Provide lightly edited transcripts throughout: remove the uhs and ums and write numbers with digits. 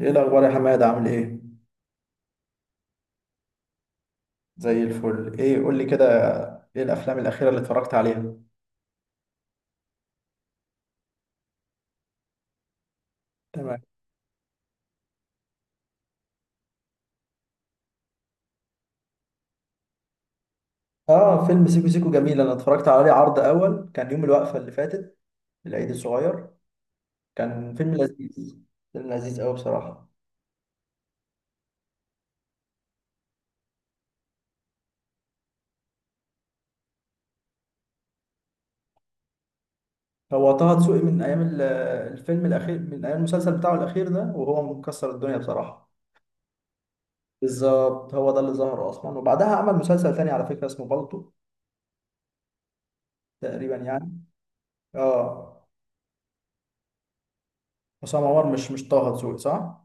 ايه الاخبار يا حماد؟ عامل ايه؟ زي الفل. ايه قول لي كده، ايه الافلام الاخيره اللي اتفرجت عليها؟ تمام. اه فيلم سيكو سيكو جميل، انا اتفرجت عليه عرض اول، كان يوم الوقفه اللي فاتت، العيد الصغير. كان فيلم لذيذ، فيلم لذيذ قوي بصراحه. هو طه دسوقي من ايام الفيلم الاخير، من ايام المسلسل بتاعه الاخير ده، وهو مكسر الدنيا بصراحه. بالظبط، هو ده اللي ظهر اصلا، وبعدها عمل مسلسل تاني على فكره اسمه بالطو، تقريبا يعني. اه عصام عمر، مش طه دسوقي صح؟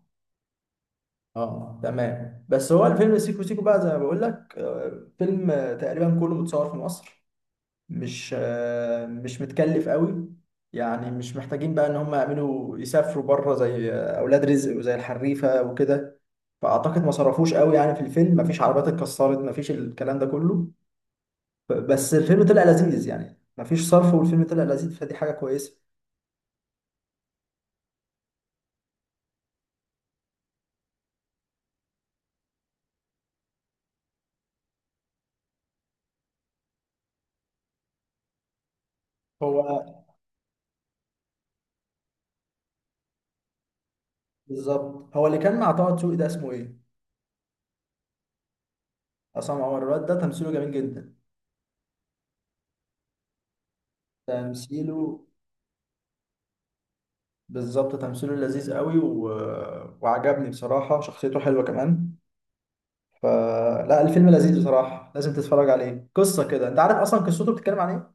اه تمام. بس هو الفيلم سيكو سيكو بقى زي ما بقول لك، فيلم، تقريبا كله متصور في مصر، مش، مش متكلف قوي، يعني مش محتاجين بقى ان هم يعملوا يسافروا بره زي، اولاد رزق وزي الحريفه وكده. فاعتقد ما صرفوش قوي يعني في الفيلم، مفيش عربيات اتكسرت، مفيش الكلام ده كله. بس الفيلم طلع لذيذ يعني، مفيش صرف والفيلم طلع لذيذ، فدي حاجه كويسه. هو بالظبط هو اللي كان مع طه دسوقي ده اسمه ايه؟ عصام عمر، الواد ده تمثيله جميل جدا. تمثيله بالظبط تمثيله لذيذ قوي وعجبني بصراحة، شخصيته حلوة كمان. فلا الفيلم لذيذ بصراحة، لازم تتفرج عليه. قصة كده انت عارف اصلا قصته بتتكلم عن ايه؟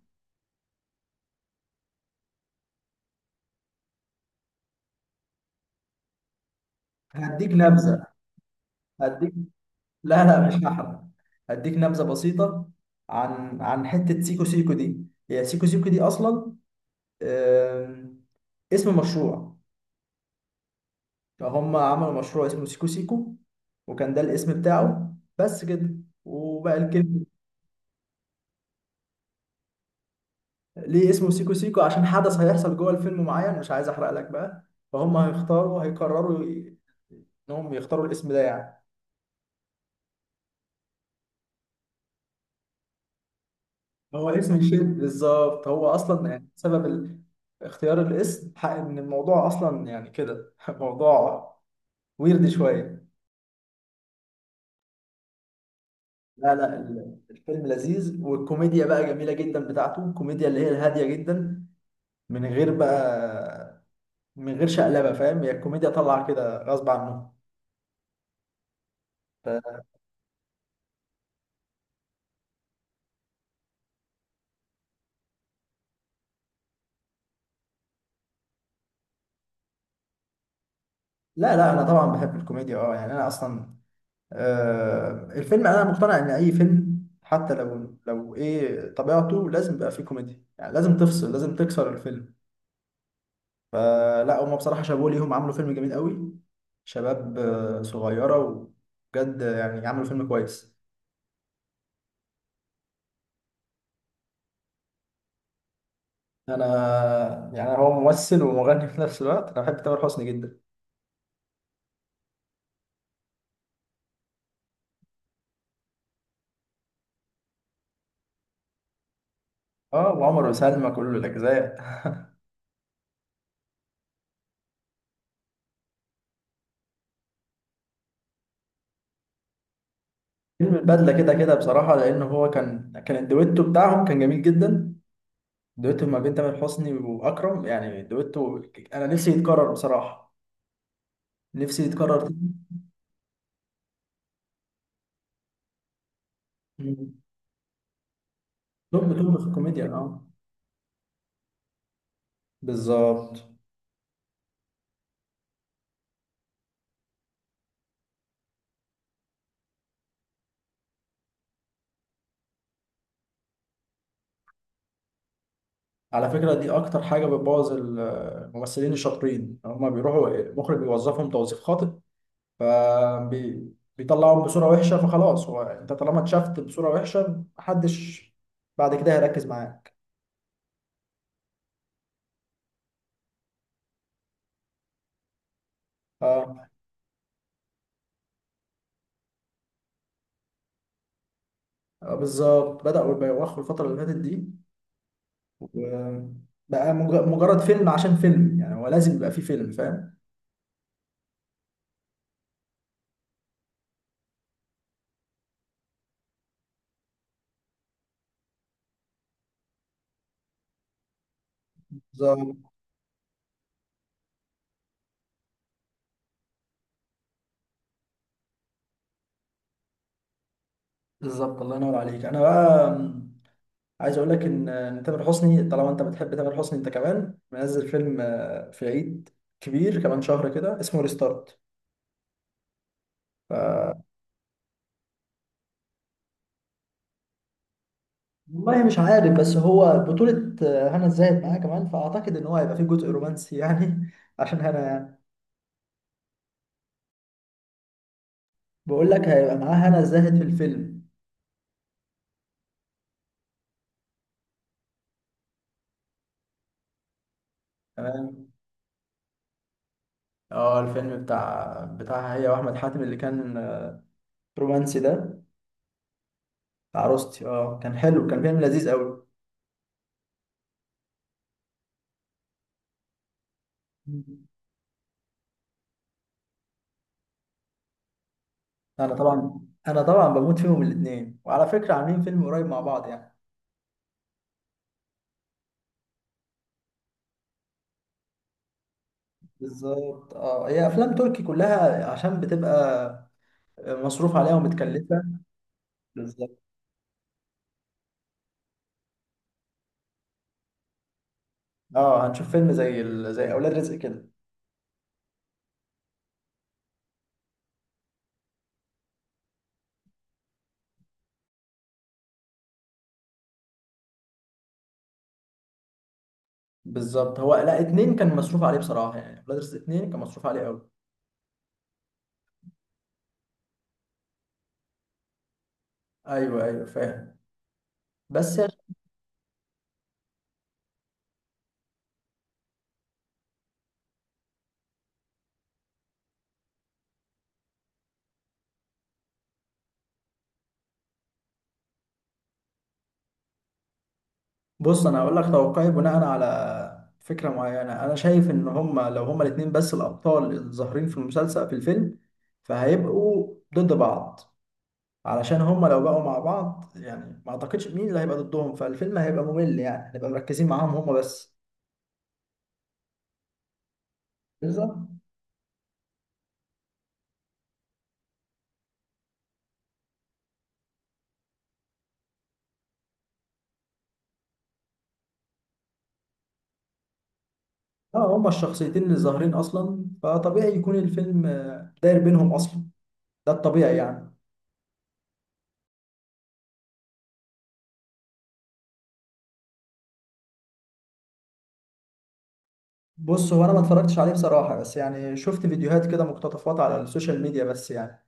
هديك نبذة. هديك، لا مش هحرق، هديك نبذة بسيطة عن حتة سيكو سيكو دي. هي سيكو سيكو دي اصلا، آم، اسم مشروع. فهم عملوا مشروع اسمه سيكو سيكو، وكان ده الاسم بتاعه بس كده، وبقى الكلمة. ليه اسمه سيكو سيكو؟ عشان حدث هيحصل جوه الفيلم معين، مش عايز احرق لك بقى. فهم هيقرروا انهم يختاروا الاسم ده يعني. هو اسم يشد بالظبط، هو اصلا يعني سبب اختيار الاسم حق ان الموضوع اصلا يعني كده موضوع ويرد شويه. لا الفيلم لذيذ، والكوميديا بقى جميله جدا بتاعته، الكوميديا اللي هي الهاديه جدا من غير بقى، من غير شقلبه فاهم، هي الكوميديا طالعه كده غصب عنه. ف- لا انا طبعا بحب الكوميديا اه يعني، انا اصلا، الفيلم انا مقتنع ان اي فيلم حتى لو ايه طبيعته لازم يبقى فيه كوميديا، يعني لازم تفصل، لازم تكسر الفيلم. فلا هما بصراحة شابوه ليهم، عملوا فيلم جميل قوي، شباب صغيرة وبجد يعني، عملوا فيلم كويس. انا يعني، هو ممثل ومغني في نفس الوقت، انا بحب تامر حسني جدا. اه وعمر وسلمى كل الاجزاء. فيلم البدلة كده كده بصراحة، لأن هو كان الدويتو بتاعهم كان جميل جدا، دويتو ما بين تامر حسني واكرم، يعني دويتو انا نفسي يتكرر بصراحه، نفسي يتكرر تاني. مم. توب توب في الكوميديا اه، بالظبط. على فكره دي اكتر حاجه بتبوظ الممثلين الشاطرين، هما بيروحوا المخرج بيوظفهم توظيف خاطئ، فبيطلعهم بصوره وحشه، فخلاص هو انت طالما اتشافت بصوره وحشه، محدش بعد كده هيركز معاك. اه، بالظبط بدأوا يبوخوا الفتره اللي فاتت دي، بقى مجرد فيلم عشان فيلم، يعني هو لازم يبقى فيه فيلم فاهم. بالظبط. بالظبط، الله ينور عليك. انا بقى عايز اقول لك ان إن تامر حسني، طالما انت بتحب تامر حسني، انت كمان منزل فيلم في عيد كبير كمان شهر كده، اسمه ريستارت. ف... والله مش عارف، بس هو بطولة هنا الزاهد معاه كمان، فأعتقد إن هو هيبقى فيه جزء رومانسي يعني عشان هنا يعني، بقول لك هيبقى معاه هنا الزاهد في الفيلم. تمام. اه الفيلم بتاعها هي وأحمد حاتم اللي كان رومانسي ده، بتاع عروستي، اه كان حلو، كان فيلم لذيذ قوي. مم. انا طبعا، انا طبعا بموت فيهم الاثنين، وعلى فكره عاملين فيلم قريب مع بعض يعني. بالظبط. اه هي افلام تركي كلها، عشان بتبقى مصروف عليها ومتكلفه. بالظبط. اه هنشوف فيلم زي زي اولاد رزق كده. بالظبط. هو لا، اتنين كان مصروف عليه بصراحه، يعني اولاد رزق اتنين كان مصروف عليه قوي. ايوه ايوه فاهم. بس بص انا هقول لك توقعي بناء على فكره معينه. انا شايف ان هما لو هما الاثنين بس الابطال الظاهرين في المسلسل في الفيلم، فهيبقوا ضد بعض، علشان هما لو بقوا مع بعض يعني ما اعتقدش مين اللي هيبقى ضدهم، فالفيلم هيبقى ممل، يعني هنبقى مركزين معاهم هما بس. بالظبط. اه هما الشخصيتين اللي ظاهرين اصلا، فطبيعي يكون الفيلم داير بينهم اصلا، ده الطبيعي يعني. بص هو انا ما اتفرجتش عليه بصراحه، بس يعني شفت فيديوهات كده مقتطفات على السوشيال ميديا بس يعني.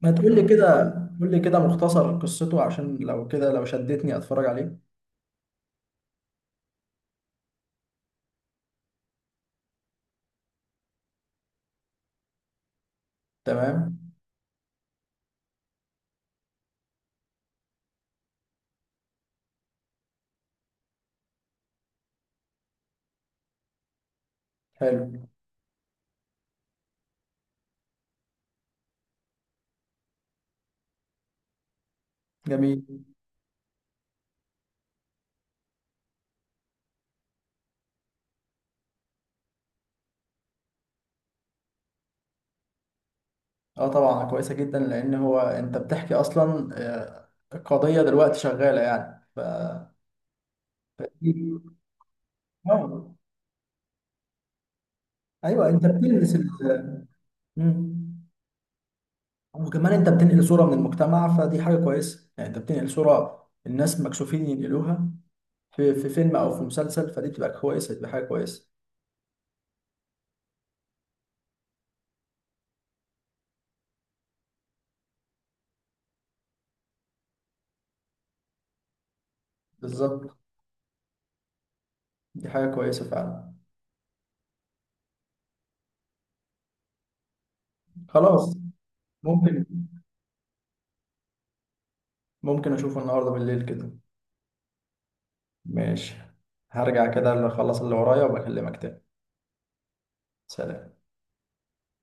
ما تقول لي كده، قول لي كده مختصر قصته، عشان لو كده لو شدتني اتفرج عليه. تمام. حلو. جميل. اه طبعا كويسه جدا، لان هو انت بتحكي اصلا، القضيه دلوقتي شغاله يعني ف اه. ايوه انت بتلمس مم. وكمان انت بتنقل صوره من المجتمع، فدي حاجه كويسه، يعني انت بتنقل صوره الناس مكسوفين ينقلوها في في فيلم او في مسلسل، فدي بتبقى كويسه، دي حاجه كويسه. بالظبط. دي حاجه كويسه فعلا. خلاص. ممكن، ممكن اشوفه النهارده بالليل كده. ماشي. هرجع كده اللي اخلص اللي ورايا وبكلمك تاني. سلام.